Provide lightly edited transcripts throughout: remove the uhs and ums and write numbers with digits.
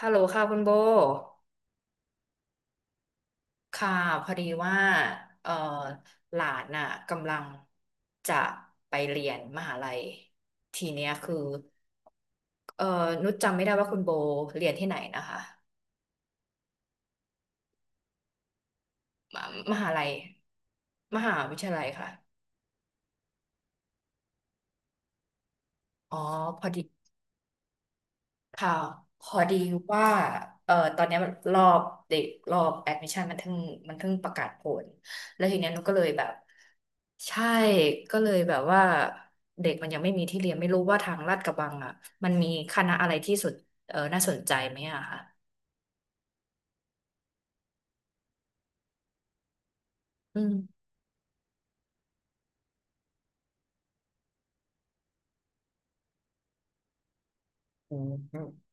ฮัลโหลค่ะคุณโบ ค่ะพอดีว่าเอ่อหลานน่ะกำลังจะไปเรียนมหาลัยทีเนี้ยคือเอ่อนุชจำไม่ได้ว่าคุณโบเรียนที่ไหนนะคะมมหาลัยมหาวิทยาลัยค่ะอ๋อพอดี ค่ะพอดีว่าตอนเนี้ยรอบเด็กรอบแอดมิชชั่นมันเพิ่งประกาศผล แล้วทีเนี้ยหนุก็เลยแบบใช่ก็เลยแบบว่าเด็กมันยังไม่มีที่เรียนไม่รู้ว่าทางลาดกระบังอ่ะมันมีคณะอะไรที่สุดเออน่าสนใจไหมอะค่ะอืม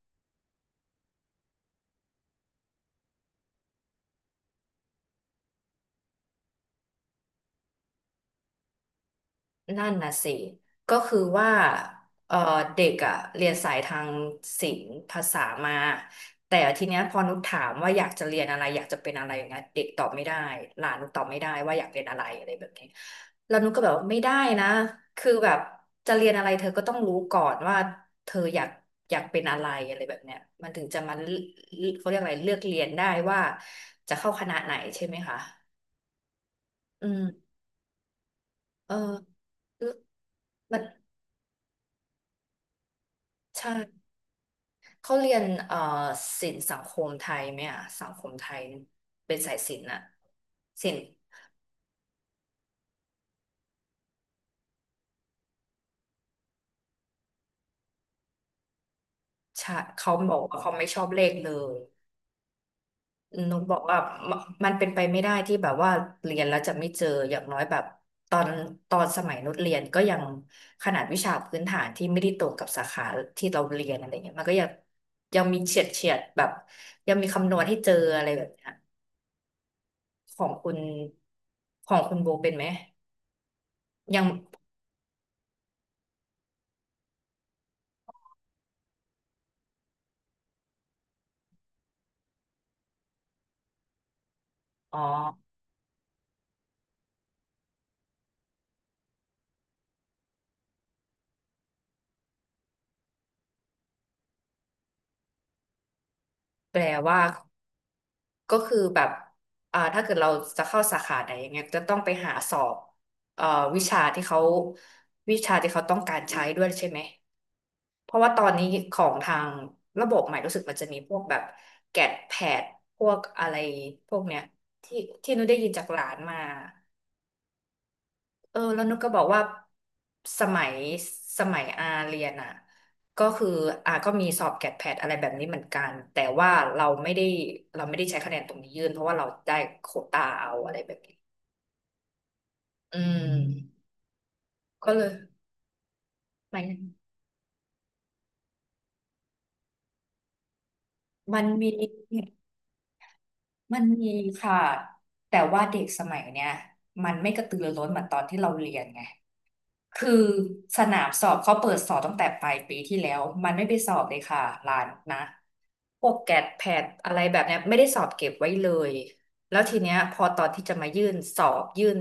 นั่นน่ะสิก็คือว่าเออเด็กอะเรียนสายทางศิลป์ภาษามา แต่ทีเนี้ยพอนุชถามว่าอยากจะเรียนอะไรอยากจะเป็นอะไรอย่างเงี้ยเด็กตอบไม่ได้หลานนุชตอบไม่ได้ว่าอยากเป็นอะไรอะไรแบบนี้แล้วนุชก็แบบว่าไม่ได้นะคือแบบจะเรียนอะไรเธอก็ต้องรู้ก่อนว่าเธออยากเป็นอะไรอะไรแบบเนี้ยมันถึงจะมาเลือกเขาเรียกอะไรเลือกเรียนได้ว่าจะเข้าคณะไหนใช่ไหมคะ อืมเออมันใช่ เขาเรียนศิลป์สังคมไทยไหมอ่ะสังคมไทยเป็นสายศิลป์น่ะศิลป์ชาเขาบอกว่าเขาไม่ชอบเลขเลยนุกบอกว่ามันมันเป็นไปไม่ได้ที่แบบว่าเรียนแล้วจะไม่เจออย่างน้อยแบบตอนตอนสมัยนุชเรียนก็ยังขนาดวิชาพื้นฐานที่ไม่ได้ตรงกับสาขาที่เราเรียนอะไรเงี้ยมันก็ยังมีเฉียดเฉียดแบบยังมีคำนวณให้เจออะไรแบบเนี้ยของคุณของคุณโบเป็นไหมยังอ๋อแปลว่า ก็คือแบบอ่าถ้าเกิดเราจะเข้าสาขาไหนอย่างเงี้ยจะต้องไปหาสอบเอ่อวิชาที่เขาวิชาที่เขาต้องการใช้ด้วยใช่ไหม เพราะว่าตอนนี้ของทางระบบใหม่รู้สึกมันจะมีพวกแบบแกดแพดพวกอะไรพวกเนี้ยที่ที่หนูได้ยินจากหลานมา เออแล้วนุกก็บอกว่าสมัยสมัยอาเรียนอ่ะก็คืออาก็มีสอบแกดแพดอะไรแบบนี้เหมือนกันแต่ว่าเราไม่ได้เราไม่ได้ใช้คะแนนตรงนี้ยื่นเพราะว่าเราได้โควตาเอาอะไรแบบนี้อืมก็เลยมันมันมีมันมีค่ะแต่ว่าเด็กสมัยเนี้ยมันไม่กระตือรือร้นเหมือนตอนที่เราเรียนไง คือสนามสอบเขาเปิดสอบตั้งแต่ปลายปีที่แล้วมันไม่ไปสอบเลยค่ะร้านนะพวกแกดแพดอะไรแบบเนี้ยไม่ได้สอบเก็บไว้เลยแล้วทีเนี้ยพอตอนที่จะมายื่นสอบยื่น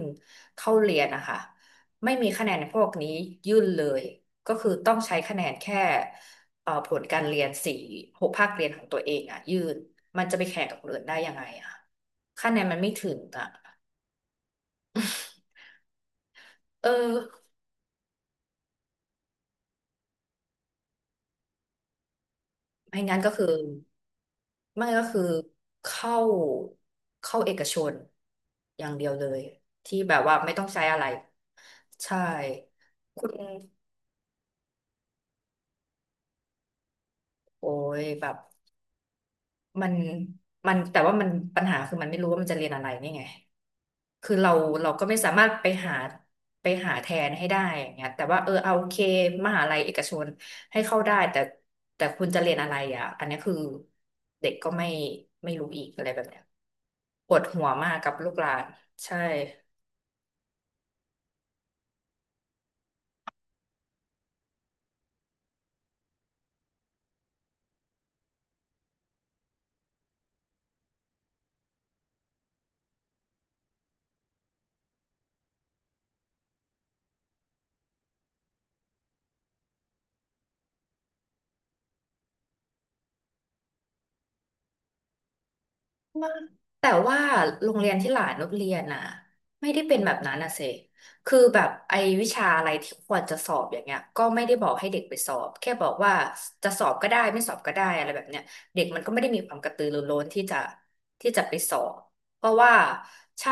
เข้าเรียนนะคะไม่มีคะแนนพวกนี้ยื่นเลยก็คือต้องใช้คะแนนแค่ผลการเรียน4-6 ภาคเรียนของตัวเองอ่ะยื่นมันจะไปแข่งกับคนอื่นได้ยังไงอ่ะคะแนนมันไม่ถึงอ่ะเออ ไม่งั้นก็คือไม่ก็คือเข้าเข้าเอกชนอย่างเดียวเลยที่แบบว่าไม่ต้องใช้อะไรใช่คุณโอ้ยแบบมันมันแต่ว่ามันปัญหาคือมันไม่รู้ว่ามันจะเรียนอะไรนี่ไง คือเราเราก็ไม่สามารถไปหาแทนให้ได้อย่างเงี้ยแต่ว่าเออเอาโอเคมหาลัยเอกชนให้เข้าได้แต่แต่คุณจะเรียนอะไรอ่ะอันนี้คือเด็กก็ไม่รู้อีกอะไรแบบเนี้ยปวดหัวมากกับลูกหลานใช่ แต่ว่าโรงเรียนที่หลานนุชเรียนน่ะไม่ได้เป็นแบบนั้นนะเซคือแบบไอ้วิชาอะไรที่ควรจะสอบอย่างเงี้ยก็ไม่ได้บอกให้เด็กไปสอบแค่บอกว่าจะสอบก็ได้ไม่สอบก็ได้อะไรแบบเนี้ยเด็กมันก็ไม่ได้มีความกระตือรือร้นที่จะไปสอบเพราะว่าใช่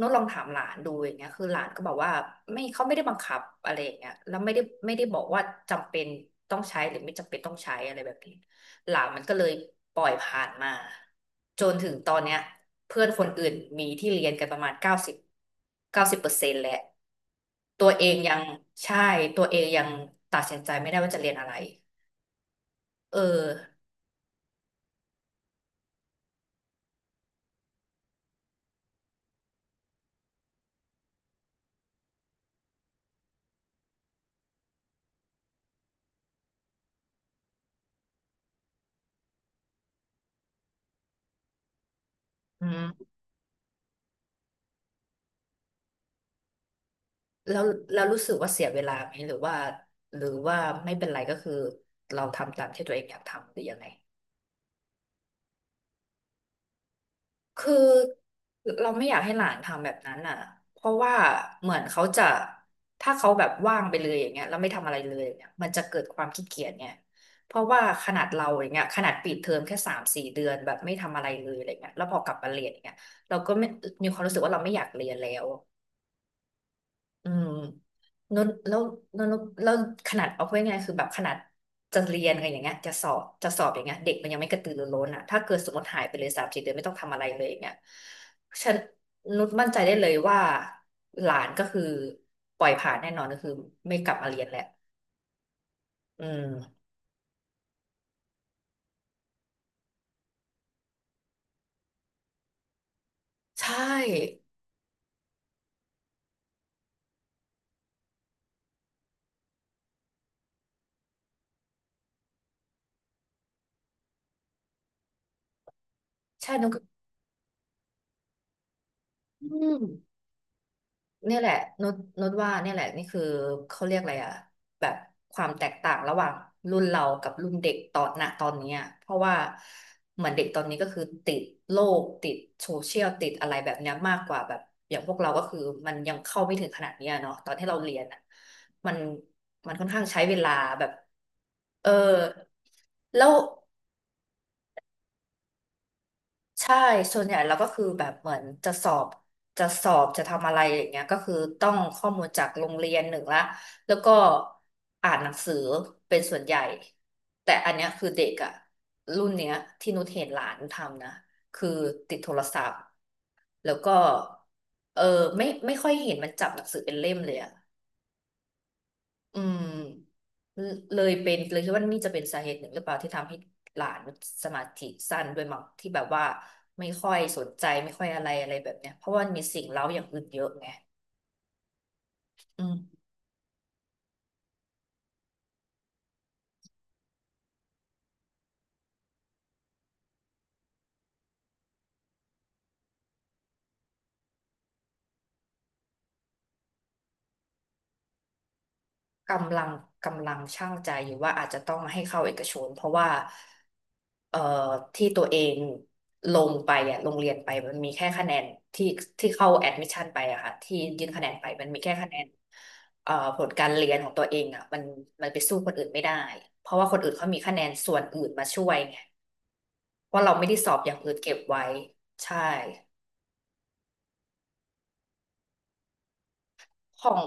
นุชลองถามหลานดูอย่างเงี้ยคือหลานก็บอกว่าไม่เขาไม่ได้บังคับอะไรอย่างเงี้ยแล้วไม่ได้บอกว่าจำเป็นต้องใช้หรือไม่จำเป็นต้องใช้อะไรแบบนี้ หลานมันก็เลยปล่อยผ่านมาจนถึงตอนเนี้ยเพื่อนคนอื่นมีที่เรียนกันประมาณเก้าสิบเปอร์เซ็นต์แหละตัวเองยังใช่ตัวเองยังตัดสินใจไม่ได้ว่าจะเรียนอะไรเอออืมแล้วแล้วรู้สึกว่าเสียเวลาไหมหรือว่าไม่เป็นไรก็คือเราทำตามที่ตัวเองอยากทำหรือยังไง คือเราไม่อยากให้หลานทำแบบนั้นอ่ะเพราะว่าเหมือนเขาจะถ้าเขาแบบว่างไปเลยอย่างเงี้ยแล้วไม่ทำอะไรเลยเนี่ยมันจะเกิดความขี้เกียจเนี่ยเพราะว่าขนาดเราอย่างเงี้ยขนาดปิดเทอมแค่สามสี่เดือนแบบไม่ทำอะไรเลยอะไรเงี้ยแล้วพอกลับมาเรียนอย่างเงี้ยเราก็ไม่มีความรู้สึกว่าเราไม่อยากเรียนแล้ว อืมนนแล้วนนแล้วขนาดเอาพูดง่ายๆคือแบบขนาดจะเรียนอะไรอย่างเงี้ยจะสอบจะสอบอย่างเงี้ยเด็กมันยังไม่กระตือรือร้นอ่ะถ้าเกิดสมมติหายไปเลยสามสี่เดือนไม่ต้องทำอะไรเลยอย่างเงี้ยฉันนุชมั่นใจได้เลยว่าหลานก็คือปล่อยผ่านแน่นอนก็คือไม่กลับมาเรียนแหละอืมใช่ใช่นุชก็อืม เนี่ยแหละนุชนุชว่าเนี่ยแหละนี่คือเขาเรียกอะไรอะแบบความแตกต่างระหว่างรุ่นเรากับรุ่นเด็กตอนนตอนเนี้ยเพราะว่าเหมือนเด็กตอนนี้ก็คือติดโลกติดโซเชียลติดอะไรแบบเนี้ยมากกว่าแบบอย่างพวกเราก็คือมันยังเข้าไม่ถึงขนาดเนี้ยเนาะตอนที่เราเรียนอะมันมันค่อนข้างใช้เวลาแบบเออแล้ว ใช่ส่วนใหญ่เราก็คือแบบเหมือนจะสอบจะทำอะไรอย่างเงี้ยก็คือต้องข้อมูลจากโรงเรียนหนึ่งละแล้วก็อ่านหนังสือเป็นส่วนใหญ่แต่อันเนี้ยคือเด็กอะรุ่นเนี้ยที่นุชเห็นหลานทำนะคือติดโทรศัพท์แล้วก็เออไม่ค่อยเห็นมันจับหนังสือเป็นเล่มเลยอะ อืมเลยเป็นเลยคิดว่านี่จะเป็นสาเหตุหนึ่งหรือเปล่าที่ทำให้หลานสมาธิสั้นด้วยมั้งที่แบบว่าไม่ค่อยสนใจไม่ค่อยอะไรอะไรแบบเนี้ยเพราะว่ามันมีสิ่งเร้าอย่างอื่นเยอะไง กำลังกำลังชั่งใจอยู่ว่าอาจจะต้องให้เข้าเอกชนเพราะว่าเอ่อที่ตัวเองลงไปอ่ะโงเรียนไปมันมีแค่คะแนนที่ที่เข้าแอดมิชชั่นไปอะค่ะที่ยื่นคะแนนไปมันมีแค่คะแนนผลการเรียนของตัวเองอ่ะมันไปสู้คนอื่นไม่ได้เพราะว่าคนอื่นเขามีคะแนนส่วนอื่นมาช่วยไงเพราะเราไม่ได้สอบอย่างอื่นเก็บไว้ใช่ของ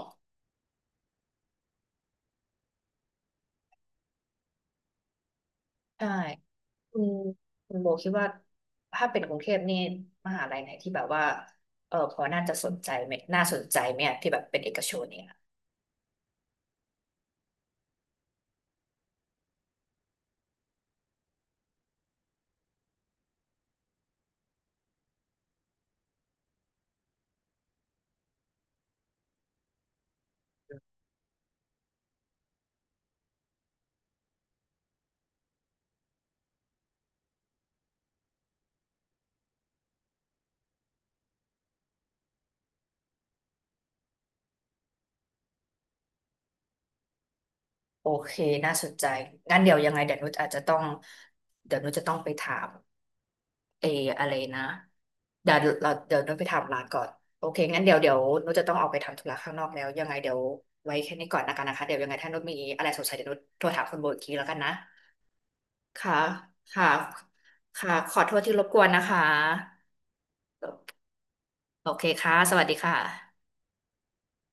ใช่ คุณคุณโบคิดว่าถ้าเป็นกรุงเทพนี่มหาลัยไหนที่แบบว่าเออพอน่าจะสนใจไหมน่าสนใจไหมอะที่แบบเป็นเอกชนเนี่ยโอเคน่าสนใจงั้นเดี๋ยวยังไงเดี๋ยวนุชอาจจะต้องเดี๋ยวนุชจะต้องไปถามเอออะไรนะเดี๋ยวเราเดี๋ยวนุชไปถามร้านก่อนโอเคงั้นเดี๋ยวเดี๋ยวนุชจะต้องออกไปทำธุระข้างนอกแล้วยังไงเดี๋ยวไว้แค่นี้ก่อนนะกันนะคะเดี๋ยวยังไงถ้านุชมีอะไรสงสัยเดี๋ยวนุชโทรถามคุณโบอีกทีแล้วกันนะค่ะค่ะค่ะขอโทษที่รบกวนนะคะ โอเคค่ะ สวัสดีค่ะ